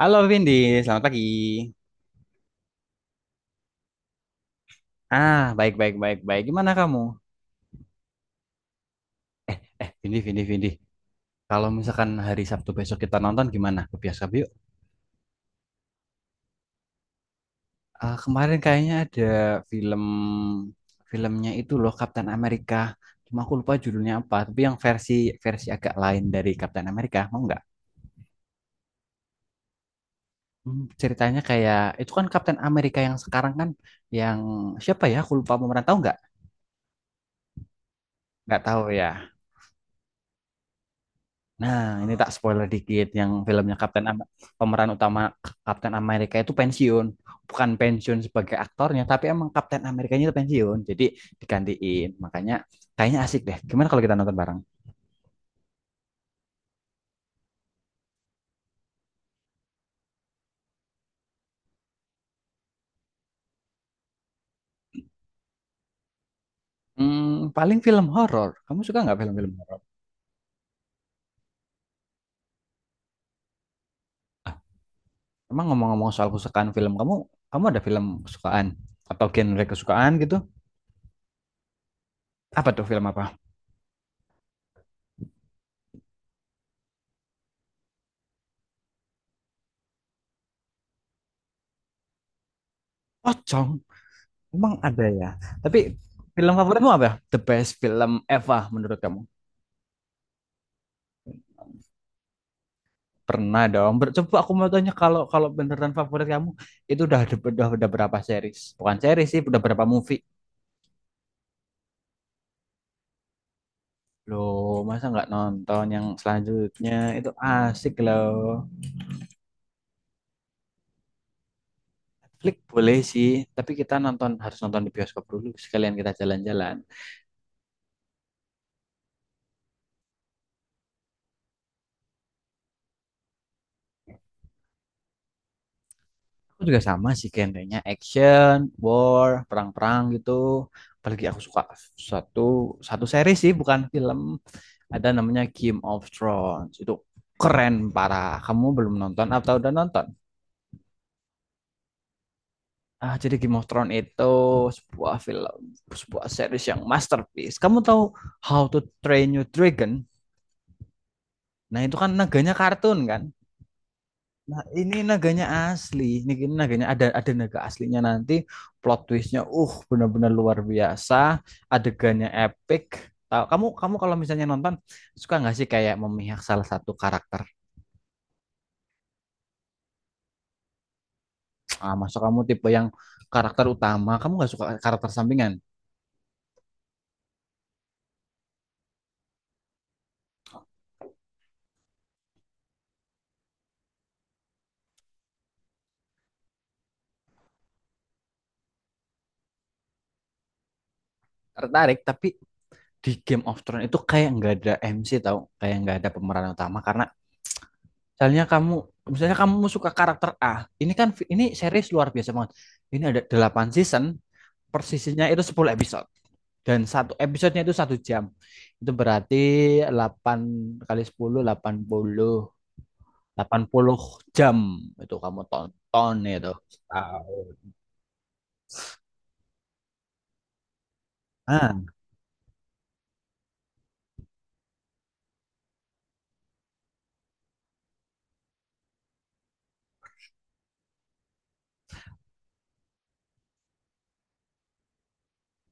Halo Vindi, selamat pagi. Ah, baik baik baik baik. Gimana kamu? Eh, Vindi Vindi Vindi. Kalau misalkan hari Sabtu besok kita nonton gimana? Ke bioskop yuk. Ah, kemarin kayaknya ada film filmnya itu loh Captain America. Cuma aku lupa judulnya apa, tapi yang versi versi agak lain dari Captain America. Mau nggak? Ceritanya kayak itu kan Captain America yang sekarang kan yang siapa ya? Aku lupa pemeran, tahu nggak? Nggak tahu ya. Nah, ini tak spoiler dikit yang filmnya pemeran utama Kapten Amerika itu pensiun. Bukan pensiun sebagai aktornya, tapi emang Kapten Amerikanya itu pensiun. Jadi digantiin. Makanya kayaknya asik deh. Gimana kalau kita nonton bareng? Paling film horor. Kamu suka nggak film-film horor? Emang ngomong-ngomong soal kesukaan film, kamu kamu ada film kesukaan atau genre kesukaan gitu? Apa tuh, film apa? Pocong. Emang ada ya. Tapi film favoritmu apa? The best film ever menurut kamu? Pernah dong. Coba aku mau tanya, kalau kalau beneran favorit kamu itu udah berapa series? Bukan series sih, udah berapa movie? Loh, masa nggak nonton yang selanjutnya? Itu asik loh. Netflix boleh sih, tapi kita nonton harus nonton di bioskop dulu sekalian kita jalan-jalan. Aku juga sama sih genrenya action, war, perang-perang gitu. Apalagi aku suka satu satu series sih, bukan film. Ada namanya Game of Thrones. Itu keren parah. Kamu belum nonton atau udah nonton? Ah, jadi Game of Thrones itu sebuah film, sebuah series yang masterpiece. Kamu tahu How to Train Your Dragon? Nah, itu kan naganya kartun kan? Nah, ini naganya asli. Ini naganya ada naga aslinya, nanti plot twistnya benar-benar luar biasa, adegannya epic. Tahu, kamu kamu kalau misalnya nonton suka nggak sih kayak memihak salah satu karakter? Ah, masuk, kamu tipe yang karakter utama, kamu nggak suka karakter sampingan? Tertarik, tapi di Game of Thrones itu kayak nggak ada MC, tau kayak nggak ada pemeran utama karena misalnya kamu misalnya kamu suka karakter A, ini kan ini series luar biasa banget, ini ada 8 season, per seasonnya itu 10 episode, dan satu episodenya itu 1 jam. Itu berarti 8 kali 10 delapan puluh jam itu kamu tonton itu. Ah,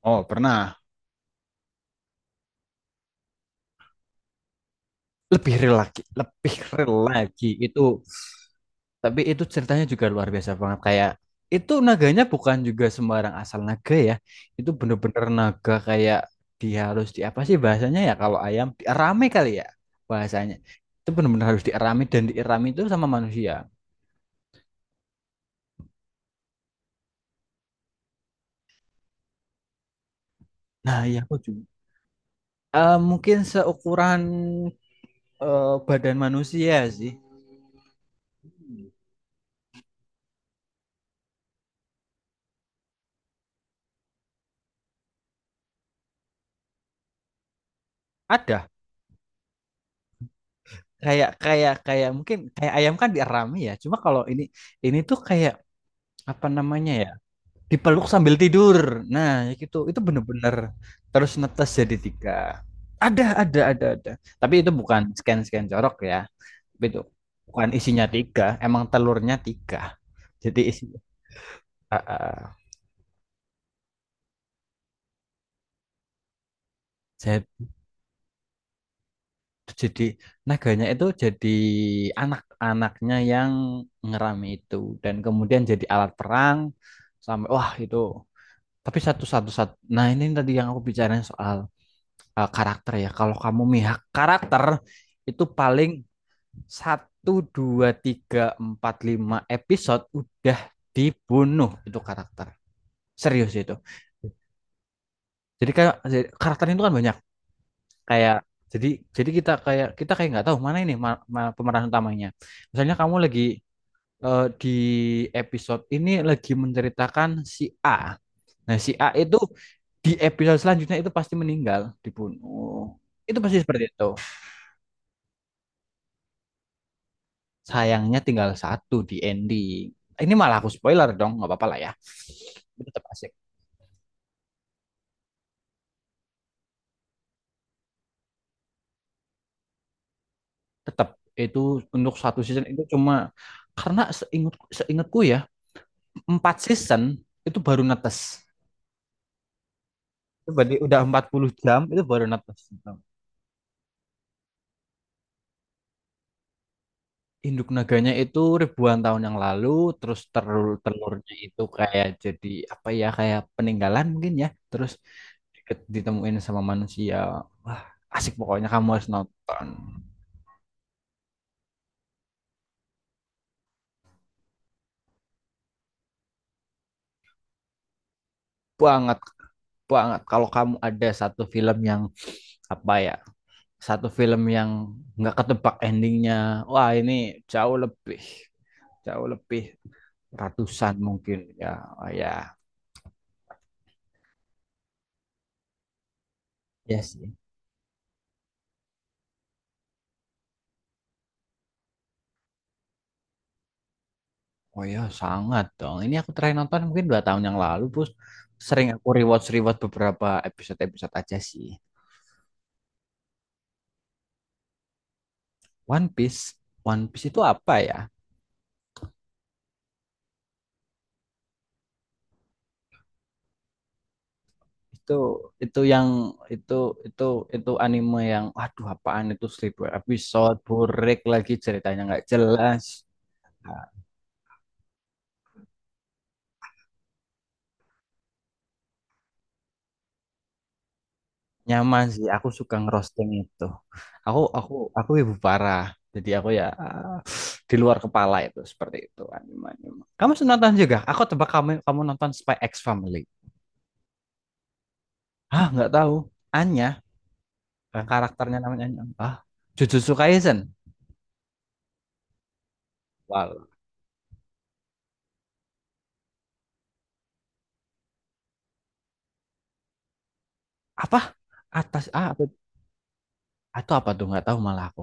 oh pernah, lebih real lagi itu. Tapi itu ceritanya juga luar biasa banget. Kayak itu naganya bukan juga sembarang asal naga ya. Itu bener-bener naga kayak dia harus di, apa sih bahasanya ya, kalau ayam dierami kali ya bahasanya. Itu bener-bener harus dierami, dan dierami itu sama manusia. Nah, iya aku juga. Eh, mungkin seukuran, eh, badan manusia sih. Ada, kayak kayak kayak mungkin kayak ayam kan dierami ya. Cuma kalau ini tuh kayak apa namanya ya? Dipeluk sambil tidur. Nah, ya gitu. Itu bener-bener terus netes jadi tiga. Ada, ada. Tapi itu bukan scan-scan jorok ya. Tapi itu bukan isinya tiga, emang telurnya tiga. Jadi isi, ah, ah, saya jadi naganya itu jadi anak-anaknya yang ngerami itu, dan kemudian jadi alat perang sampai wah itu. Tapi satu-satu satu. Nah, ini tadi yang aku bicarain soal karakter ya. Kalau kamu mihak karakter itu paling satu dua tiga empat lima episode udah dibunuh itu karakter, serius itu. Jadi kayak karakter itu kan banyak, kayak jadi jadi kita kayak nggak tahu mana ini pemeran utamanya. Misalnya kamu lagi, di episode ini lagi menceritakan si A, nah si A itu di episode selanjutnya itu pasti meninggal dibunuh, itu pasti seperti itu. Sayangnya tinggal satu di ending. Ini malah aku spoiler dong, nggak apa-apa lah ya. Tapi tetap asik. Tetap, itu untuk satu season itu cuma, karena seingatku ya, 4 season itu baru netes. Itu berarti udah 40 jam itu baru netes. Induk naganya itu ribuan tahun yang lalu, terus telur-telurnya itu kayak jadi apa ya, kayak peninggalan mungkin ya. Terus ditemuin sama manusia. Wah, asik pokoknya, kamu harus nonton banget banget kalau kamu ada satu film yang, apa ya, satu film yang nggak ketebak endingnya, wah ini jauh lebih, jauh lebih ratusan mungkin ya. Oh ya, ya sih. Oh ya, sangat dong. Ini aku terakhir nonton mungkin 2 tahun yang lalu bos. Sering aku rewatch rewatch beberapa episode episode aja sih. One Piece? One Piece itu apa ya, itu itu yang itu itu itu anime yang, aduh, apaan itu, 1.000 episode burek lagi ceritanya nggak jelas. Nyaman sih, aku suka ngerosting itu. Aku aku aku ibu parah. Jadi aku ya ah, di luar kepala itu seperti itu anime. Anime kamu nonton juga, aku tebak kamu kamu nonton Spy X Family. Ah, nggak tahu Anya, eh, karakternya namanya Anya, ah, Jujutsu Kaisen Wal. Apa, atas, ah, atau apa tuh, nggak tahu malah aku.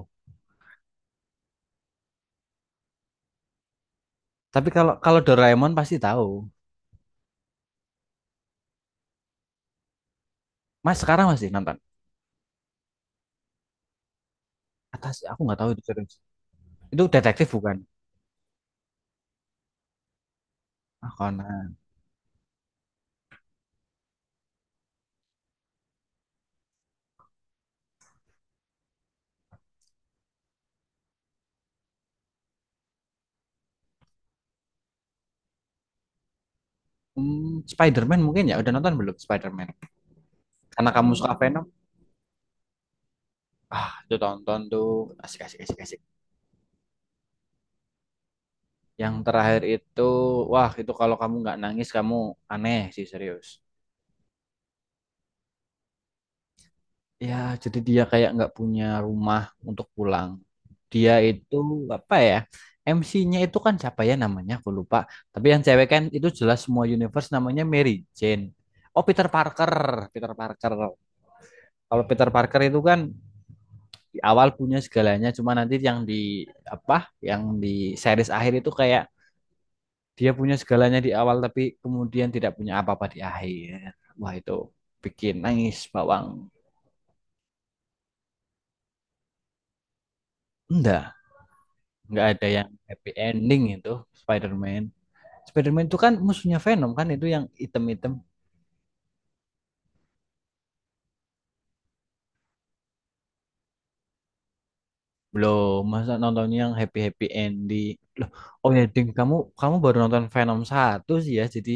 Tapi kalau kalau Doraemon pasti tahu. Mas sekarang masih nonton? Atas aku nggak tahu itu, serius. Itu detektif bukan? Ah, Conan. Spider-Man mungkin ya, udah nonton belum Spider-Man? Karena kamu suka Venom. Ah, itu tonton tuh, asik asik asik asik. Yang terakhir itu, wah, itu kalau kamu nggak nangis kamu aneh sih, serius. Ya, jadi dia kayak nggak punya rumah untuk pulang. Dia itu apa ya, MC-nya itu kan siapa ya namanya, aku lupa. Tapi yang cewek kan itu jelas semua universe namanya Mary Jane. Oh, Peter Parker, Peter Parker. Kalau Peter Parker itu kan di awal punya segalanya, cuma nanti yang di, apa, yang di series akhir itu kayak dia punya segalanya di awal tapi kemudian tidak punya apa-apa di akhir. Wah, itu bikin nangis bawang. Enggak, nggak ada yang happy ending itu Spider-Man. Spider-Man itu kan musuhnya Venom kan, itu yang item-item. Belum, masa nontonnya yang happy-happy ending. Loh, oh ya Ding, kamu kamu baru nonton Venom satu sih ya. Jadi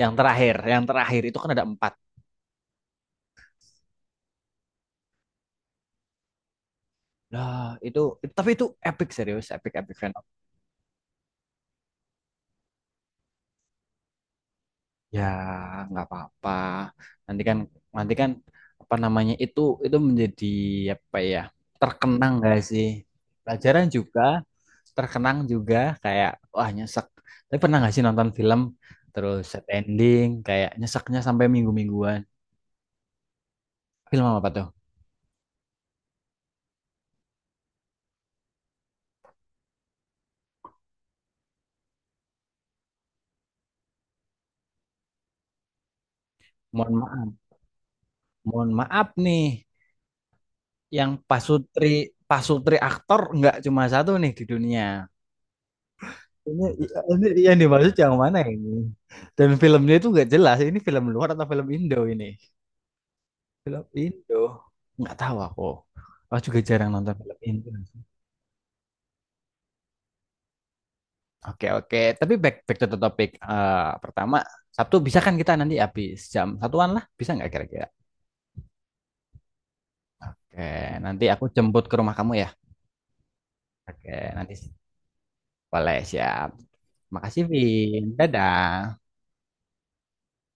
yang terakhir itu kan ada empat. Lah, itu, tapi itu epic serius, epic epic Venom. Ya, nggak apa-apa. Nanti kan, nanti kan, apa namanya itu menjadi apa ya? Terkenang gak sih? Pelajaran juga, terkenang juga. Kayak wah, nyesek. Tapi pernah nggak sih nonton film terus set ending kayak nyeseknya sampai minggu-mingguan? Film apa tuh? Mohon maaf, mohon maaf nih. Yang pasutri pasutri aktor nggak cuma satu nih di dunia. Ini, ini yang dimaksud yang mana ini? Dan filmnya itu nggak jelas. Ini film luar atau film Indo ini? Film Indo. Nggak tahu aku. Aku juga jarang nonton film Indo. Oke oke. Tapi back back to the topic. Eh, pertama Sabtu bisa kan, kita nanti habis jam satuan lah. Bisa nggak kira-kira? Oke. Nanti aku jemput ke rumah kamu ya. Oke. Nanti boleh, siap. Makasih Vin. Dadah.